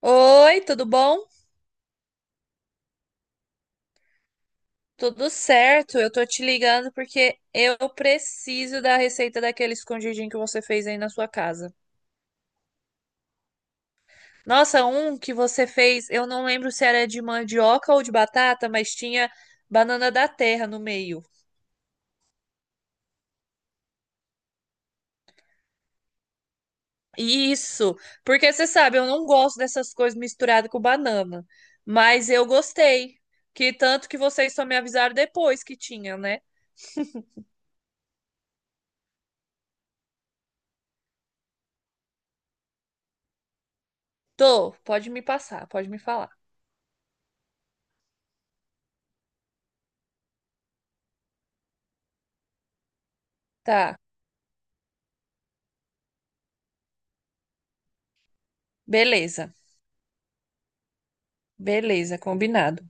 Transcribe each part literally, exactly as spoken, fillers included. Oi, tudo bom? Tudo certo. Eu tô te ligando porque eu preciso da receita daquele escondidinho que você fez aí na sua casa. Nossa, um que você fez, eu não lembro se era de mandioca ou de batata, mas tinha banana da terra no meio. Isso, porque você sabe, eu não gosto dessas coisas misturadas com banana, mas eu gostei. Que tanto que vocês só me avisaram depois que tinha, né? Tô, pode me passar, pode me falar. Tá, beleza. Beleza, combinado.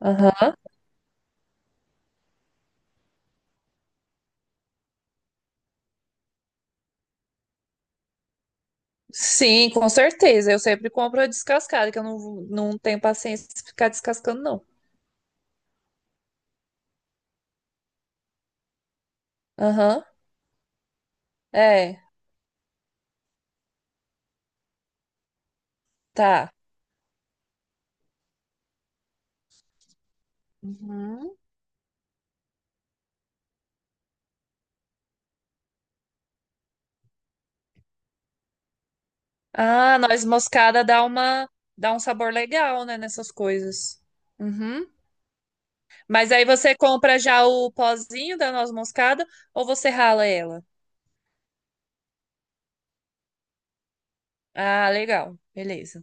Aham. Sim, com certeza. Eu sempre compro a descascada, que eu não, não tenho paciência de ficar descascando, não. Aham. É, tá. Uhum. Ah, noz moscada dá uma, dá um sabor legal, né, nessas coisas. Uhum. Mas aí você compra já o pozinho da noz moscada ou você rala ela? Ah, legal. Beleza.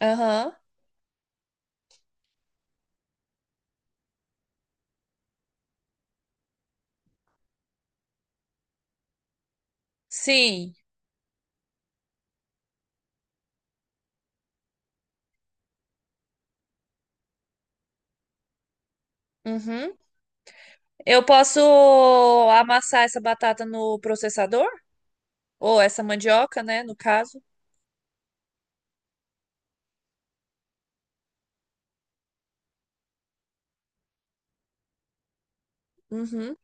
Aham. Sim. Uhum. Eu posso amassar essa batata no processador? Ou essa mandioca, né, no caso? Uhum.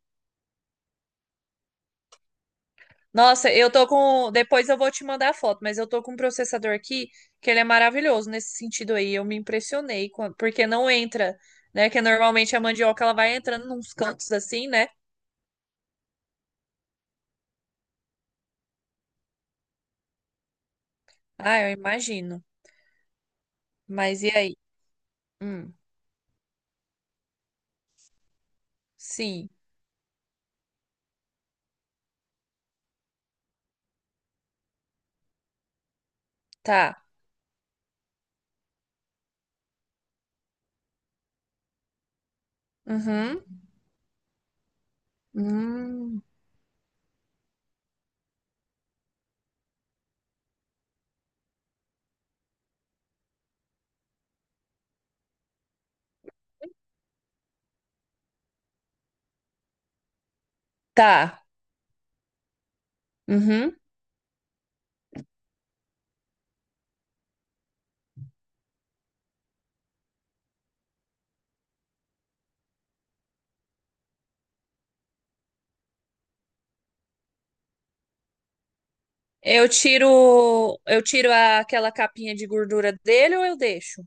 Nossa, eu tô com. Depois eu vou te mandar a foto, mas eu tô com um processador aqui que ele é maravilhoso nesse sentido aí. Eu me impressionei, com- porque não entra, né? Que normalmente a mandioca ela vai entrando nos cantos assim, né? Ah, eu imagino. Mas e aí? Hum, sim, tá. Uhum. Hum, tá. Uhum. Eu tiro, eu tiro a- aquela capinha de gordura dele ou eu deixo?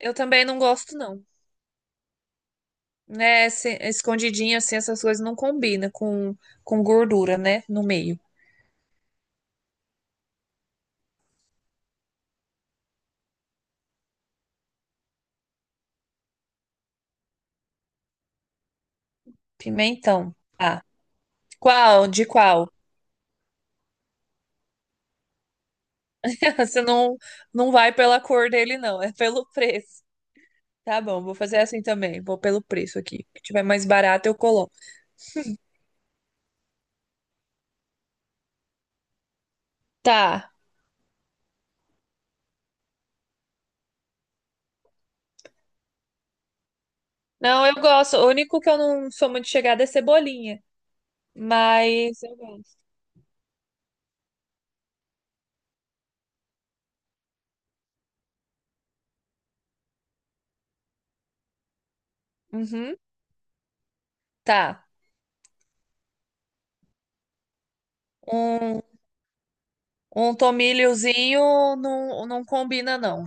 Eu também não gosto, não. Né, se- escondidinho assim, essas coisas não combinam com, com gordura, né, no meio. Pimentão. Ah, qual? De qual? Você não, não vai pela cor dele, não, é pelo preço. Tá bom, vou fazer assim também. Vou pelo preço aqui. O que tiver mais barato, eu coloco. Tá. Não, eu gosto. O único que eu não sou muito chegada é cebolinha. Mas eu gosto. Uhum. Tá. Um, um tomilhozinho não, não combina, não.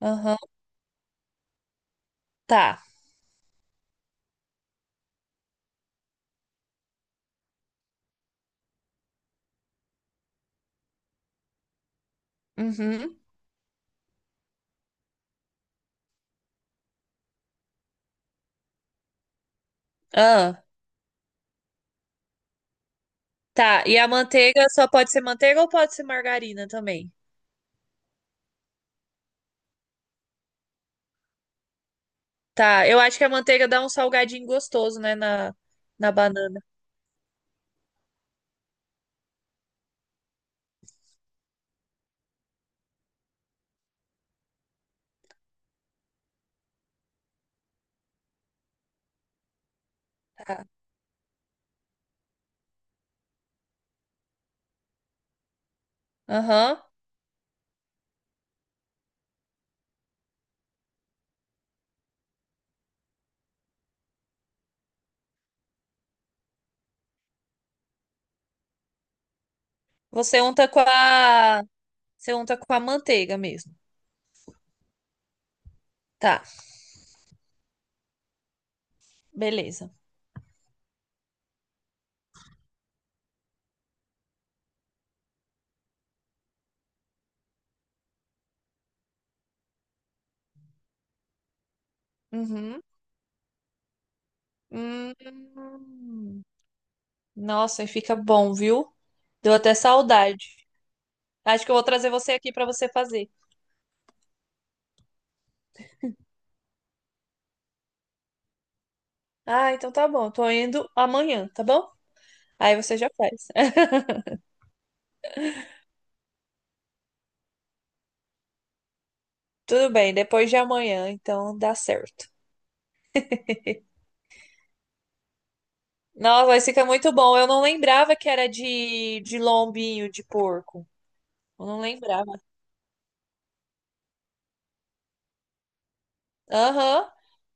Aham. Tá. Uhum. Ah. Tá, e a manteiga só pode ser manteiga ou pode ser margarina também? Tá, eu acho que a manteiga dá um salgadinho gostoso, né, na, na banana. Tá. Aham. Você unta com a, você unta com a manteiga mesmo. Tá, beleza. Uhum. Hum. Nossa, e fica bom, viu? Deu até saudade. Acho que eu vou trazer você aqui pra você fazer. Ah, então tá bom. Tô indo amanhã, tá bom? Aí você já faz. Tudo bem, depois de amanhã, então dá certo. Nossa, mas fica muito bom. Eu não lembrava que era de, de lombinho de porco. Eu não lembrava. Aham.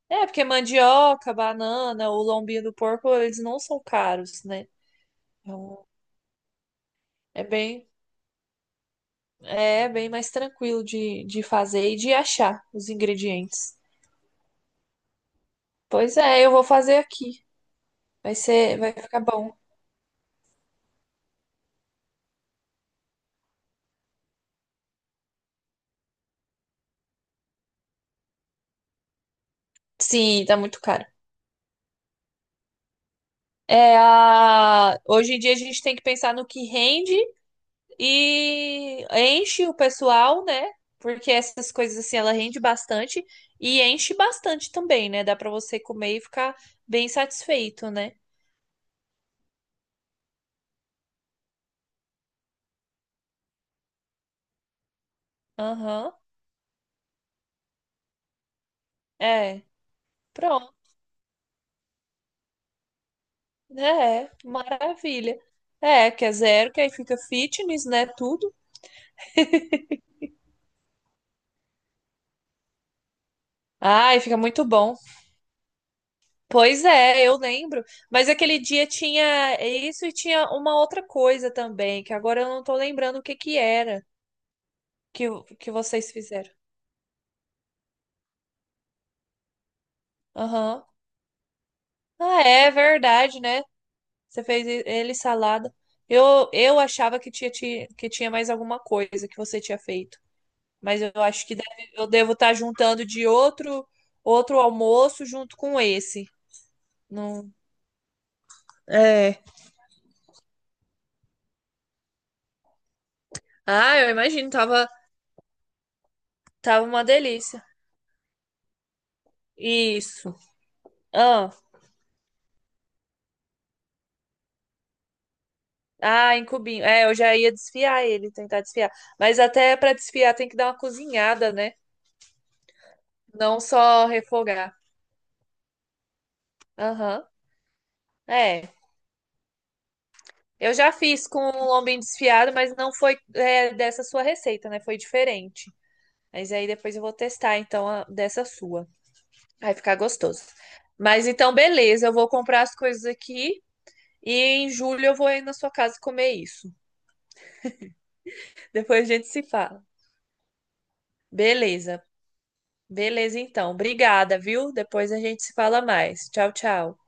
É, porque mandioca, banana, o lombinho do porco, eles não são caros, né? Então, é bem, é bem mais tranquilo de, de fazer e de achar os ingredientes. Pois é, eu vou fazer aqui. Vai ser, vai ficar bom. Sim, tá muito caro. É a... Hoje em dia a gente tem que pensar no que rende e enche o pessoal, né? Porque essas coisas assim, ela rende bastante e enche bastante também, né? Dá pra você comer e ficar bem satisfeito, né? Aham. É. Pronto. É, é, maravilha. É, que é zero, que aí fica fitness, né? Tudo. Ai, fica muito bom. Pois é, eu lembro. Mas aquele dia tinha isso e tinha uma outra coisa também, que agora eu não tô lembrando o que que era que, que vocês fizeram. Aham. Ah, é verdade, né? Você fez e- ele salada. Eu, eu achava que tinha, ti- que tinha mais alguma coisa que você tinha feito. Mas eu acho que deve- eu devo estar juntando de outro outro almoço junto com esse. Não, é. Ah, eu imagino, tava, tava uma delícia. Isso. Ah, ah, em cubinho. É, eu já ia desfiar ele, tentar desfiar. Mas até para desfiar tem que dar uma cozinhada, né? Não só refogar. Aham. É. Eu já fiz com o lombinho desfiado, mas não foi é, dessa sua receita, né? Foi diferente. Mas aí depois eu vou testar, então, a- dessa sua. Vai ficar gostoso. Mas então, beleza, eu vou comprar as coisas aqui e em julho eu vou aí na sua casa comer isso. Depois a gente se fala. Beleza, beleza então. Obrigada, viu? Depois a gente se fala mais. Tchau, tchau.